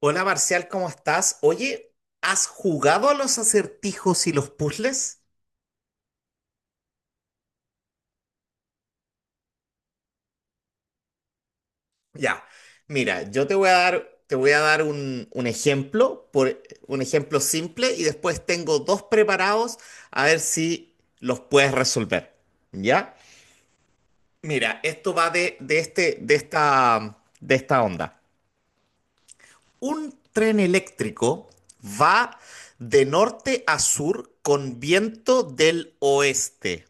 Hola Marcial, ¿cómo estás? Oye, ¿has jugado a los acertijos y los puzzles? Ya, mira, yo te voy a dar un ejemplo simple, y después tengo dos preparados a ver si los puedes resolver. ¿Ya? Mira, esto va de esta onda. Un tren eléctrico va de norte a sur con viento del oeste.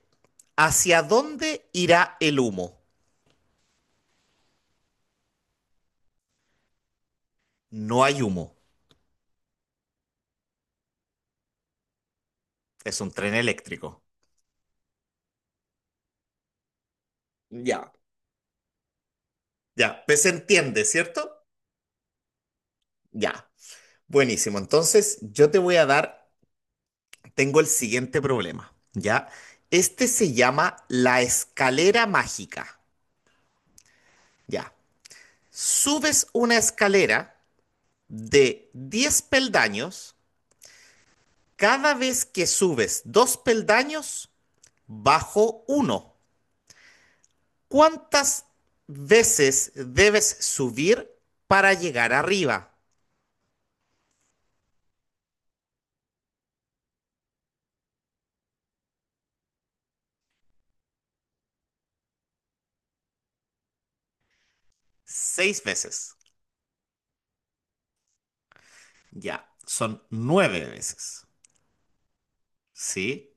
¿Hacia dónde irá el humo? No hay humo. Es un tren eléctrico. Ya, ya, pues se entiende, ¿cierto? Ya. Buenísimo. Entonces, yo te voy a dar, tengo el siguiente problema, ¿ya? Este se llama la escalera mágica, ¿ya? Subes una escalera de 10 peldaños, cada vez que subes dos peldaños, bajo uno. ¿Cuántas veces debes subir para llegar arriba? Seis veces. Ya, son nueve veces. ¿Sí?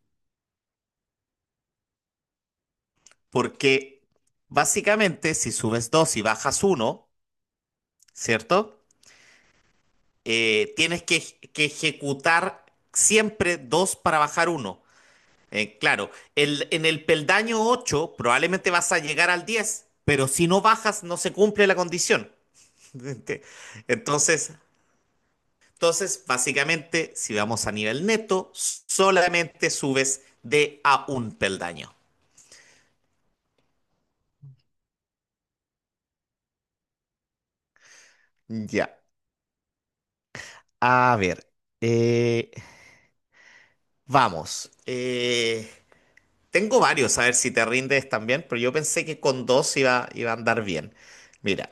Porque básicamente si subes dos y bajas uno, ¿cierto? Tienes que ejecutar siempre dos para bajar uno. Claro, en el peldaño 8 probablemente vas a llegar al 10, pero si no bajas no se cumple la condición. Entonces, Entonces, básicamente, si vamos a nivel neto, solamente subes de a un peldaño. Ya. A ver. eh, vamos. Tengo varios, a ver si te rindes también, pero yo pensé que con dos iba a andar bien. Mira,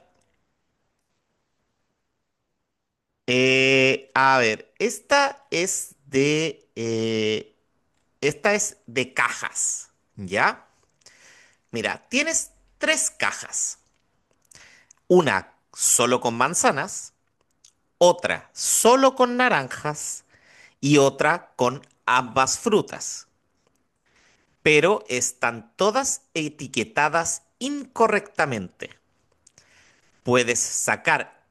a ver, esta es de cajas, ¿ya? Mira, tienes tres cajas, una solo con manzanas, otra solo con naranjas y otra con ambas frutas, pero están todas etiquetadas incorrectamente. Puedes sacar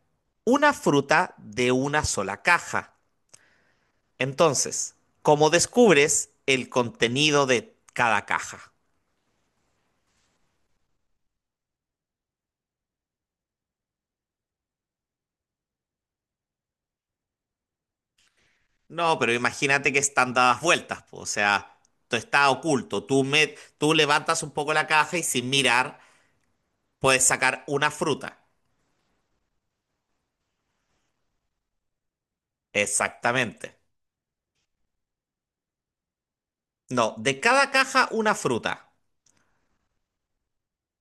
una fruta de una sola caja. Entonces, ¿cómo descubres el contenido de cada caja? No, pero imagínate que están dadas vueltas, po, o sea, tú está oculto, tú levantas un poco la caja y sin mirar puedes sacar una fruta. Exactamente. No, de cada caja una fruta.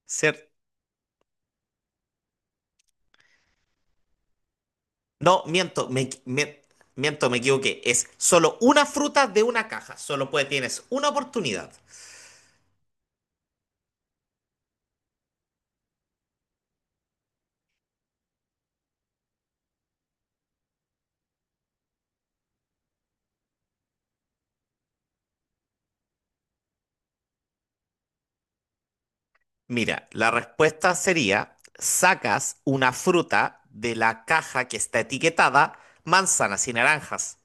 ¿Cier- No, miento, me equivoqué. Es solo una fruta de una caja. Tienes una oportunidad. Mira, la respuesta sería, sacas una fruta de la caja que está etiquetada manzanas y naranjas.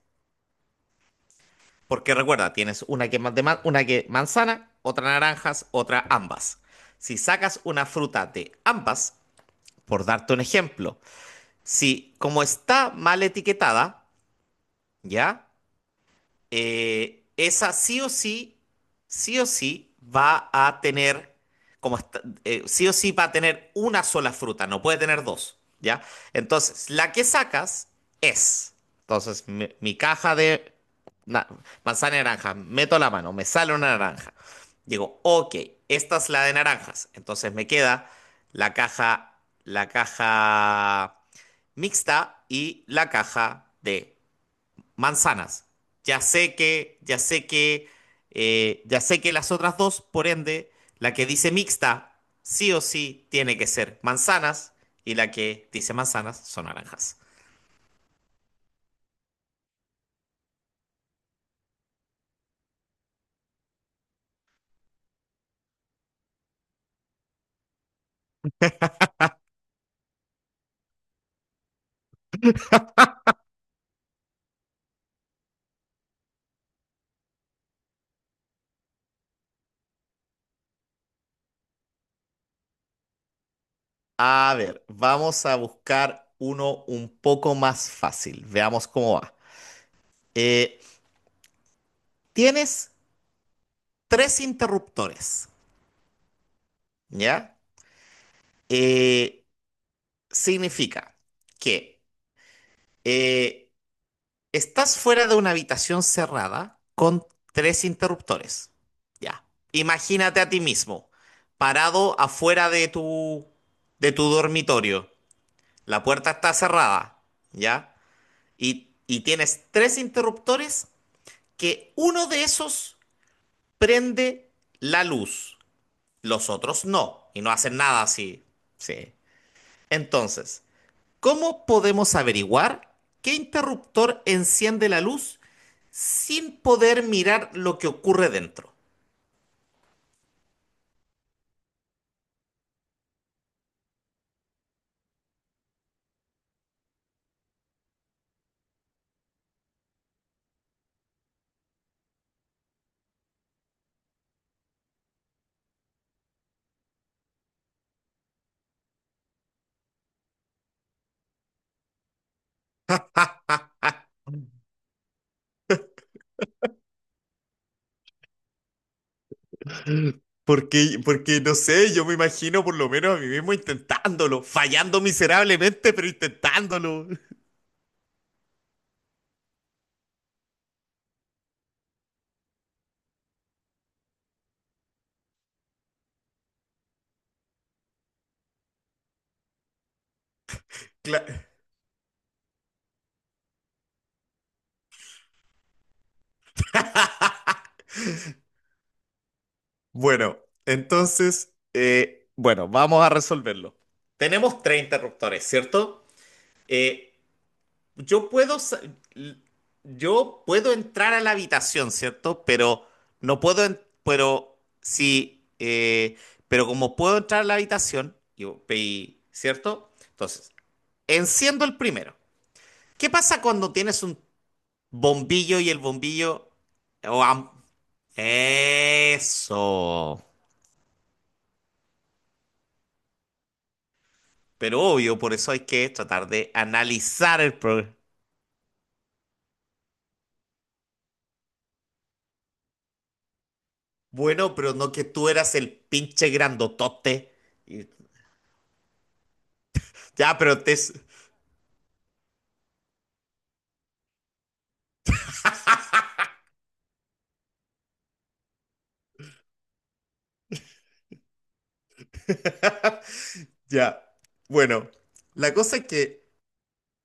Porque recuerda, tienes una que, ma- de ma- una que manzana, otra naranjas, otra ambas. Si sacas una fruta de ambas, por darte un ejemplo, si como está mal etiquetada, ¿ya? Esa sí o sí va a tener, como esta- sí o sí va a tener una sola fruta, no puede tener dos, ¿ya? Entonces, la que sacas es, entonces, mi caja de na- manzana y naranja, meto la mano, me sale una naranja. Digo, ok, esta es la de naranjas, entonces me queda la caja, la caja, mixta y la caja de manzanas. Ya sé que, ya sé que, ya sé que las otras dos, por ende, la que dice mixta, sí o sí tiene que ser manzanas y la que dice manzanas son naranjas. A ver, vamos a buscar uno un poco más fácil. Veamos cómo va. Eh, tienes tres interruptores, ¿ya? Eh, significa que eh, estás fuera de una habitación cerrada con tres interruptores. Ya. Imagínate a ti mismo, parado afuera de tu dormitorio. La puerta está cerrada, ¿ya? Y tienes tres interruptores que uno de esos prende la luz, los otros no, y no hacen nada así. Sí. Entonces, ¿cómo podemos averiguar qué interruptor enciende la luz sin poder mirar lo que ocurre dentro? Porque no sé, yo me imagino por lo menos a mí mismo intentándolo, fallando miserablemente, pero intentándolo. Cla- Bueno, entonces, bueno, vamos a resolverlo. Tenemos tres interruptores, ¿cierto? Eh, Yo puedo, sa- yo puedo entrar a la habitación, ¿cierto? Pero no puedo, pero sí, pero como puedo entrar a la habitación, ¿cierto? Entonces, enciendo el primero. ¿Qué pasa cuando tienes un bombillo y el bombillo, o eso? Pero obvio, por eso hay que tratar de analizar el problema. Bueno, pero no que tú eras el pinche grandotote. Y- Ya, pero te. Ya. Bueno, la cosa es que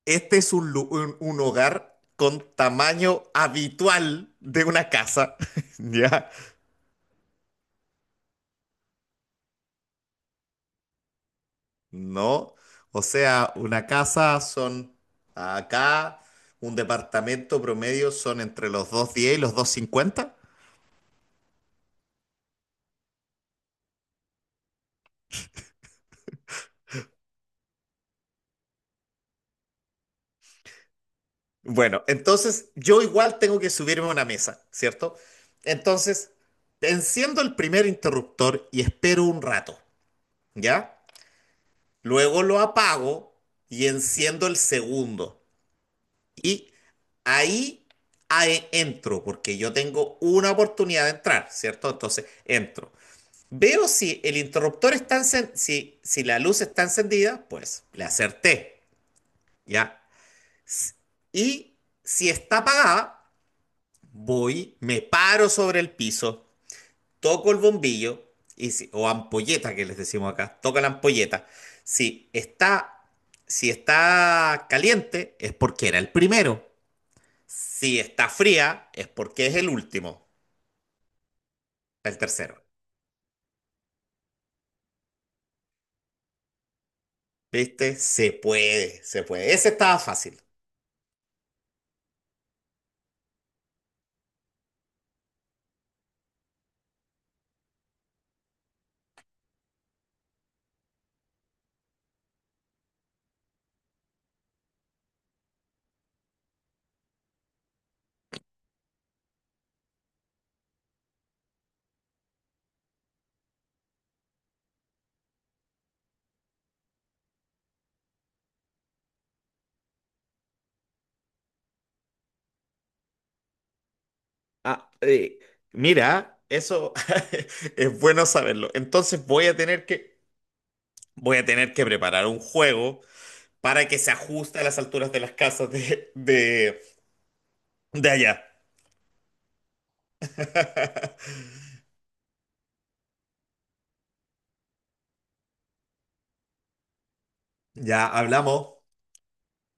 este es un hogar con tamaño habitual de una casa. Ya. No. O sea, una casa son acá, un departamento promedio son entre los 210 y los 250. Bueno, entonces yo igual tengo que subirme a una mesa, ¿cierto? Entonces, enciendo el primer interruptor y espero un rato, ¿ya? Luego lo apago y enciendo el segundo. Y ahí ahí entro, porque yo tengo una oportunidad de entrar, ¿cierto? Entonces entro. Veo si el interruptor está encen- si, si la luz está encendida, pues le acerté, ¿ya? Y si está apagada, voy, me paro sobre el piso, toco el bombillo, o ampolleta que les decimos acá, toca la ampolleta. Si está, si está caliente, es porque era el primero. Si está fría, es porque es el último, el tercero. ¿Viste? Se puede, se puede. Ese estaba fácil. Ah, mira, eso es bueno saberlo. Entonces voy a tener que preparar un juego para que se ajuste a las alturas de las casas de allá. Ya hablamos.